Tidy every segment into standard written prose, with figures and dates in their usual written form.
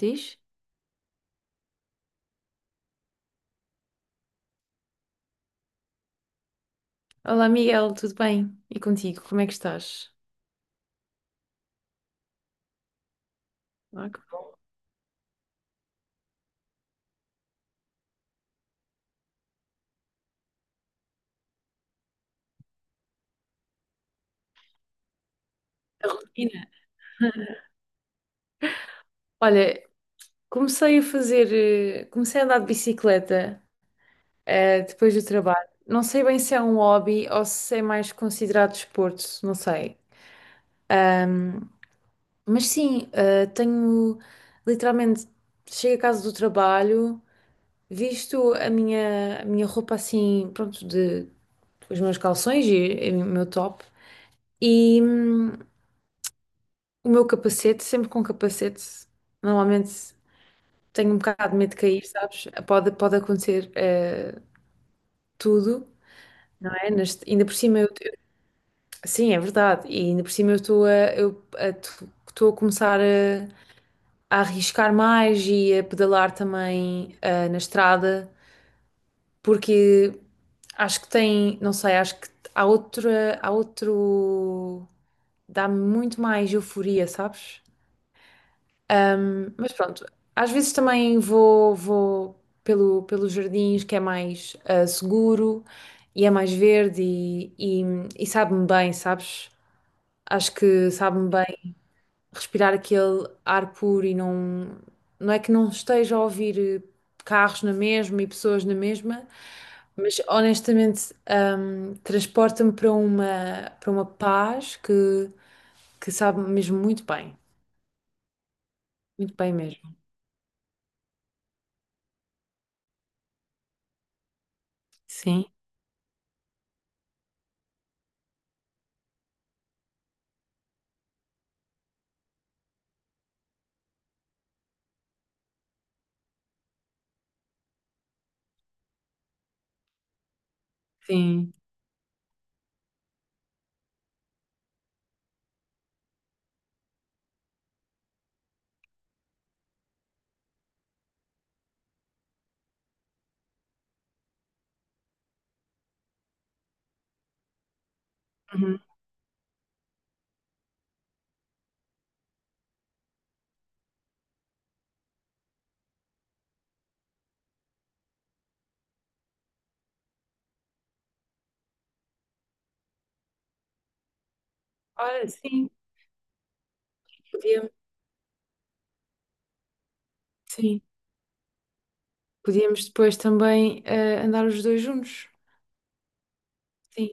Diz? Olá, Miguel, tudo bem? E contigo, como é que estás? Ah, que bom. A rotina. Olha, comecei a andar de bicicleta, depois do trabalho. Não sei bem se é um hobby ou se é mais considerado desporto, não sei. Ahm, mas sim, tenho literalmente chego a casa do trabalho, visto a minha roupa assim, pronto, de os meus calções e o meu top. E, o meu capacete, sempre com capacete, normalmente tenho um bocado de medo de cair, sabes? Pode acontecer tudo, não é? Ainda por cima sim, é verdade. E ainda por cima eu estou a, eu a- estou a começar a arriscar mais e a pedalar também na estrada, porque não sei, acho que há outra, há outro, dá-me muito mais euforia, sabes? Mas pronto, às vezes também vou pelos jardins, que é mais seguro e é mais verde e, e sabe-me bem, sabes? Acho que sabe-me bem respirar aquele ar puro e não é que não esteja a ouvir carros na mesma e pessoas na mesma, mas honestamente transporta-me para uma paz que sabe mesmo muito bem mesmo. Sim, sim. Olha, podíamos, sim. Podíamos depois também andar os dois juntos. Sim.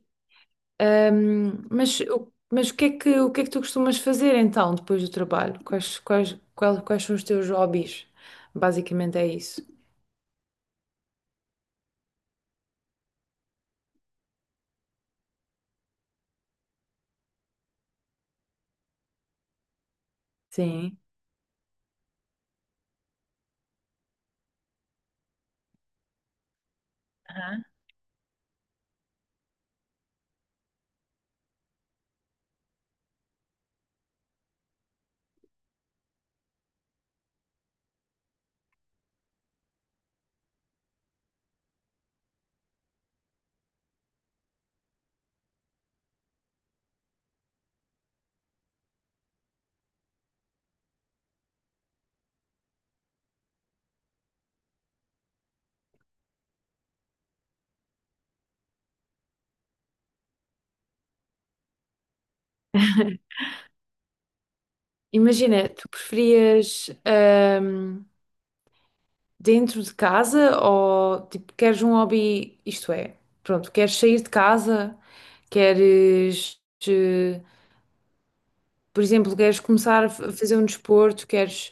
Mas o que é que tu costumas fazer então, depois do trabalho? Quais são os teus hobbies? Basicamente é isso. Sim. Aham. Imagina, tu preferias, dentro de casa ou tipo, queres um hobby, isto é, pronto, queres sair de casa, queres. eh, Por exemplo, queres começar a fazer um desporto, queres.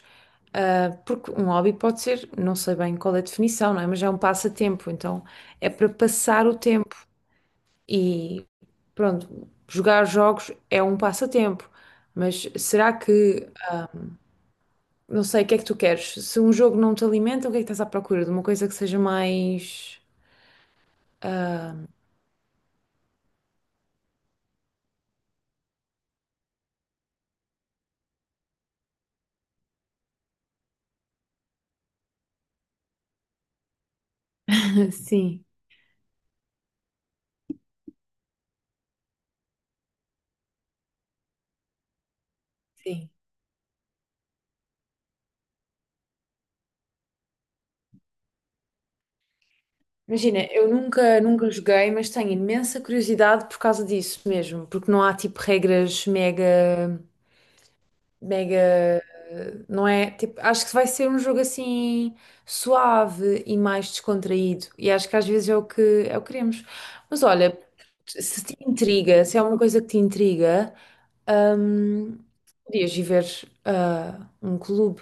Porque um hobby pode ser, não sei bem qual é a definição, não é? Mas é um passatempo, então é para passar o tempo. E pronto, jogar jogos é um passatempo. Mas será que, não sei, o que é que tu queres? Se um jogo não te alimenta, o que é que estás à procura? De uma coisa que seja mais. Sim, sim. Imagina, eu nunca joguei, mas tenho imensa curiosidade por causa disso mesmo, porque não há tipo regras mega. Mega, não é? Tipo, acho que vai ser um jogo assim suave e mais descontraído. E acho que às vezes é o que queremos. Mas olha, se te intriga, se é uma coisa que te intriga, hum, podias ir ver um clube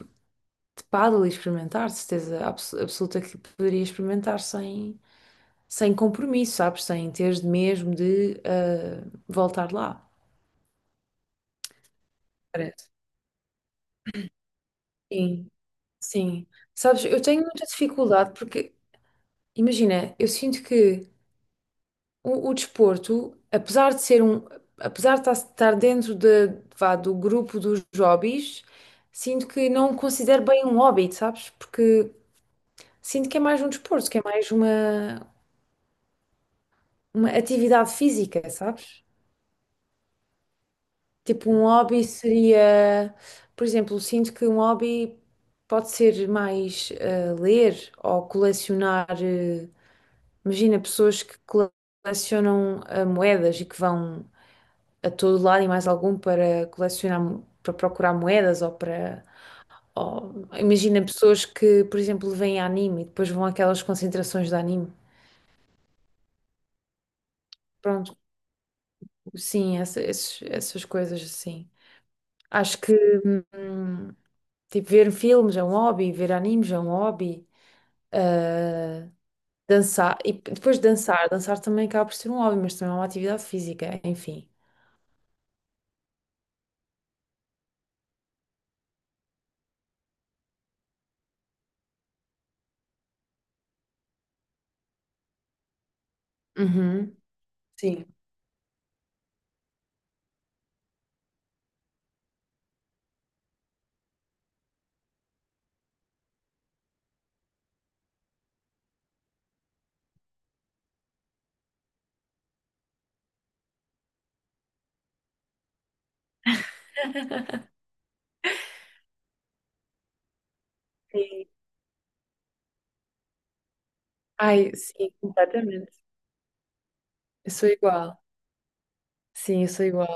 de pádel e experimentar, de certeza absoluta que poderias experimentar sem compromisso, sabes? Sem teres de mesmo de voltar lá. Parece. Sim, sim. Sabes, eu tenho muita dificuldade porque, imagina, eu sinto que o desporto, apesar de estar dentro de, vá, do grupo dos hobbies, sinto que não o considero bem um hobby, sabes? Porque sinto que é mais um desporto, que é mais uma atividade física, sabes? Tipo, um hobby seria, por exemplo, sinto que um hobby pode ser mais, ler ou colecionar. Imagina pessoas que colecionam moedas e que vão a todo lado e mais algum para colecionar, para procurar moedas ou para. Imagina pessoas que, por exemplo, veem anime e depois vão àquelas concentrações de anime. Pronto, sim, essas coisas assim. Acho que, hum, tipo, ver filmes é um hobby, ver animes é um hobby. ah, e depois dançar também acaba por ser um hobby, mas também é uma atividade física, enfim. Uhum, sim. Sim. Ai, sim, completamente. Eu sou igual. Sim, eu sou igual.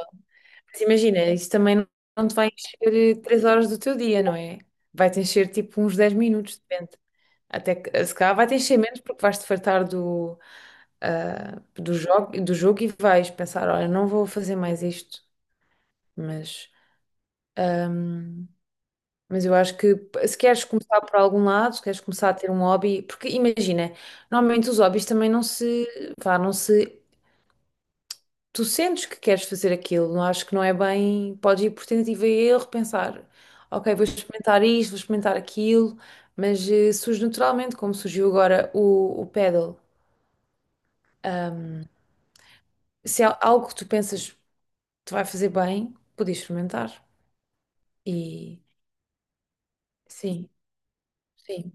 Mas imagina, isso também não te vai encher 3 horas do teu dia, não é? Vai-te encher tipo uns 10 minutos, depende. Até que, se calhar vai-te encher menos porque vais-te fartar do jogo e vais pensar, olha, não vou fazer mais isto. Mas, ahm, mas eu acho que se queres começar por algum lado, se queres começar a ter um hobby, porque imagina, normalmente os hobbies também não se, vá, não se, tu sentes que queres fazer aquilo, não acho que não é bem, podes ir por tentativa e erro, pensar, ok, vou experimentar isto, vou experimentar aquilo, mas, surge naturalmente, como surgiu agora o pedal. Ahm, Se há algo que tu pensas te vai fazer bem, podes experimentar. E sim, sim.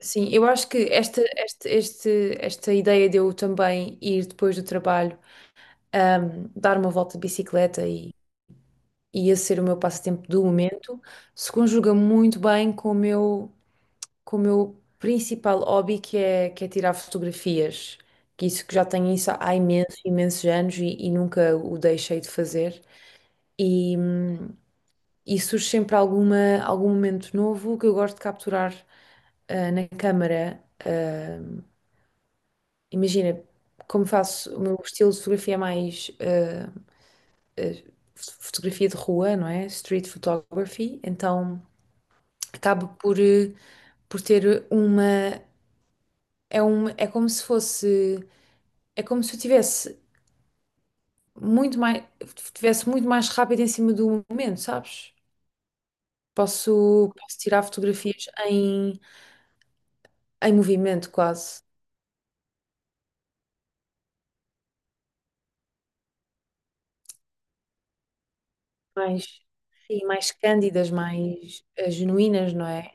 Sim, eu acho que esta, esta ideia de eu também ir depois do trabalho, dar uma volta de bicicleta e esse ser o meu passatempo do momento, se conjuga muito bem com o meu, principal hobby, que é tirar fotografias. Que isso que já tenho isso há imensos, imensos anos e nunca o deixei de fazer. E, hum, e surge sempre algum momento novo que eu gosto de capturar na câmara. Imagina, como faço, o meu estilo de fotografia é mais fotografia de rua, não é? Street photography. Então, acaba por ter uma é, uma. É como se fosse. É como se eu tivesse muito mais. Tivesse muito mais rápido em cima do momento, sabes? Posso tirar fotografias em movimento quase. Mais, sim, mais cândidas, mais, genuínas, não é?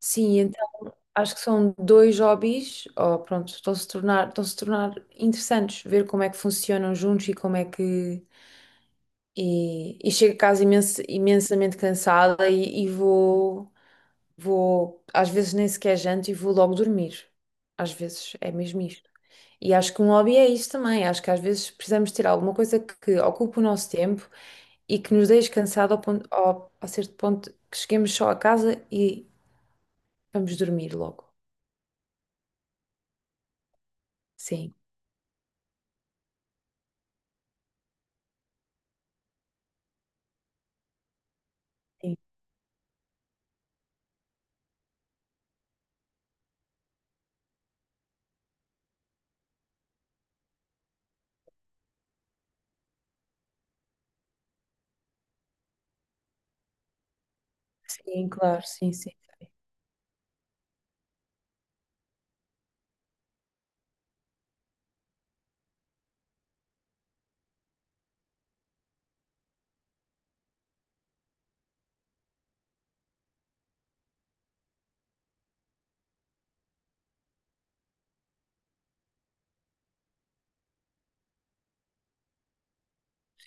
Sim, então acho que são dois hobbies, ou pronto, estão-se a tornar interessantes, ver como é que funcionam juntos e como é que, e chego a casa, imensamente cansada e, e às vezes nem sequer janto e vou logo dormir. Às vezes é mesmo isto. E acho que um hobby é isto também. Acho que às vezes precisamos ter alguma coisa que ocupe o nosso tempo e que nos deixe cansado a certo ponto que cheguemos só a casa e vamos dormir logo. Sim, sim, sim, claro, sim, sim.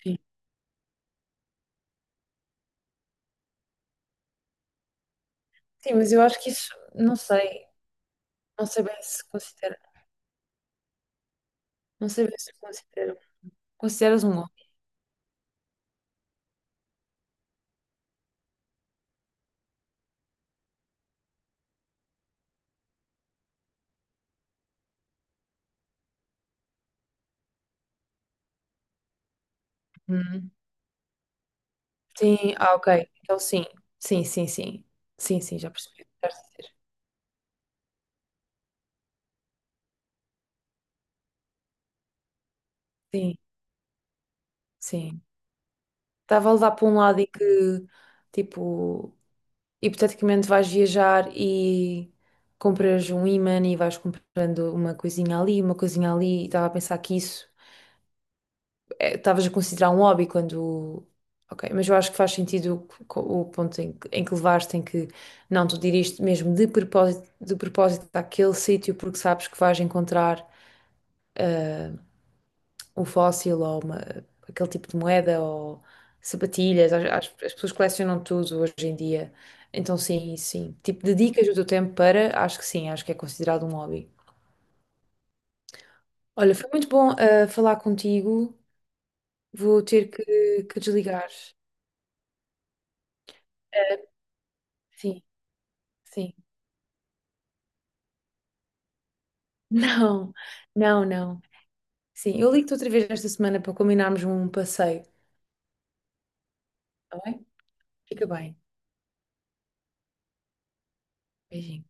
Sim, sim, mas eu acho que isso, não sei, não sei bem se considera, não sei bem se considera, consideras um hobby. Sim, ah, ok. Então sim, sim, sim, sim. Sim, sim, já percebi o que estás a dizer. Sim, sim. Estava a levar para um lado e que, tipo, hipoteticamente vais viajar e compras um imã e vais comprando uma coisinha ali, uma coisinha ali, e estava a pensar que isso é, estavas a considerar um hobby quando. Ok, mas eu acho que faz sentido o ponto, em que levaste, em que não, tu diriste mesmo de propósito àquele sítio porque sabes que vais encontrar um fóssil ou aquele tipo de moeda ou sapatilhas. As pessoas colecionam tudo hoje em dia. Então, sim, sim. Tipo, dedicas o teu tempo para, acho que sim, acho que é considerado um hobby. Olha, foi muito bom, falar contigo. Vou ter que desligar. Sim, sim. Não, não, não. Sim, eu ligo-te outra vez esta semana para combinarmos um passeio, tá bem? Fica bem. Beijinho.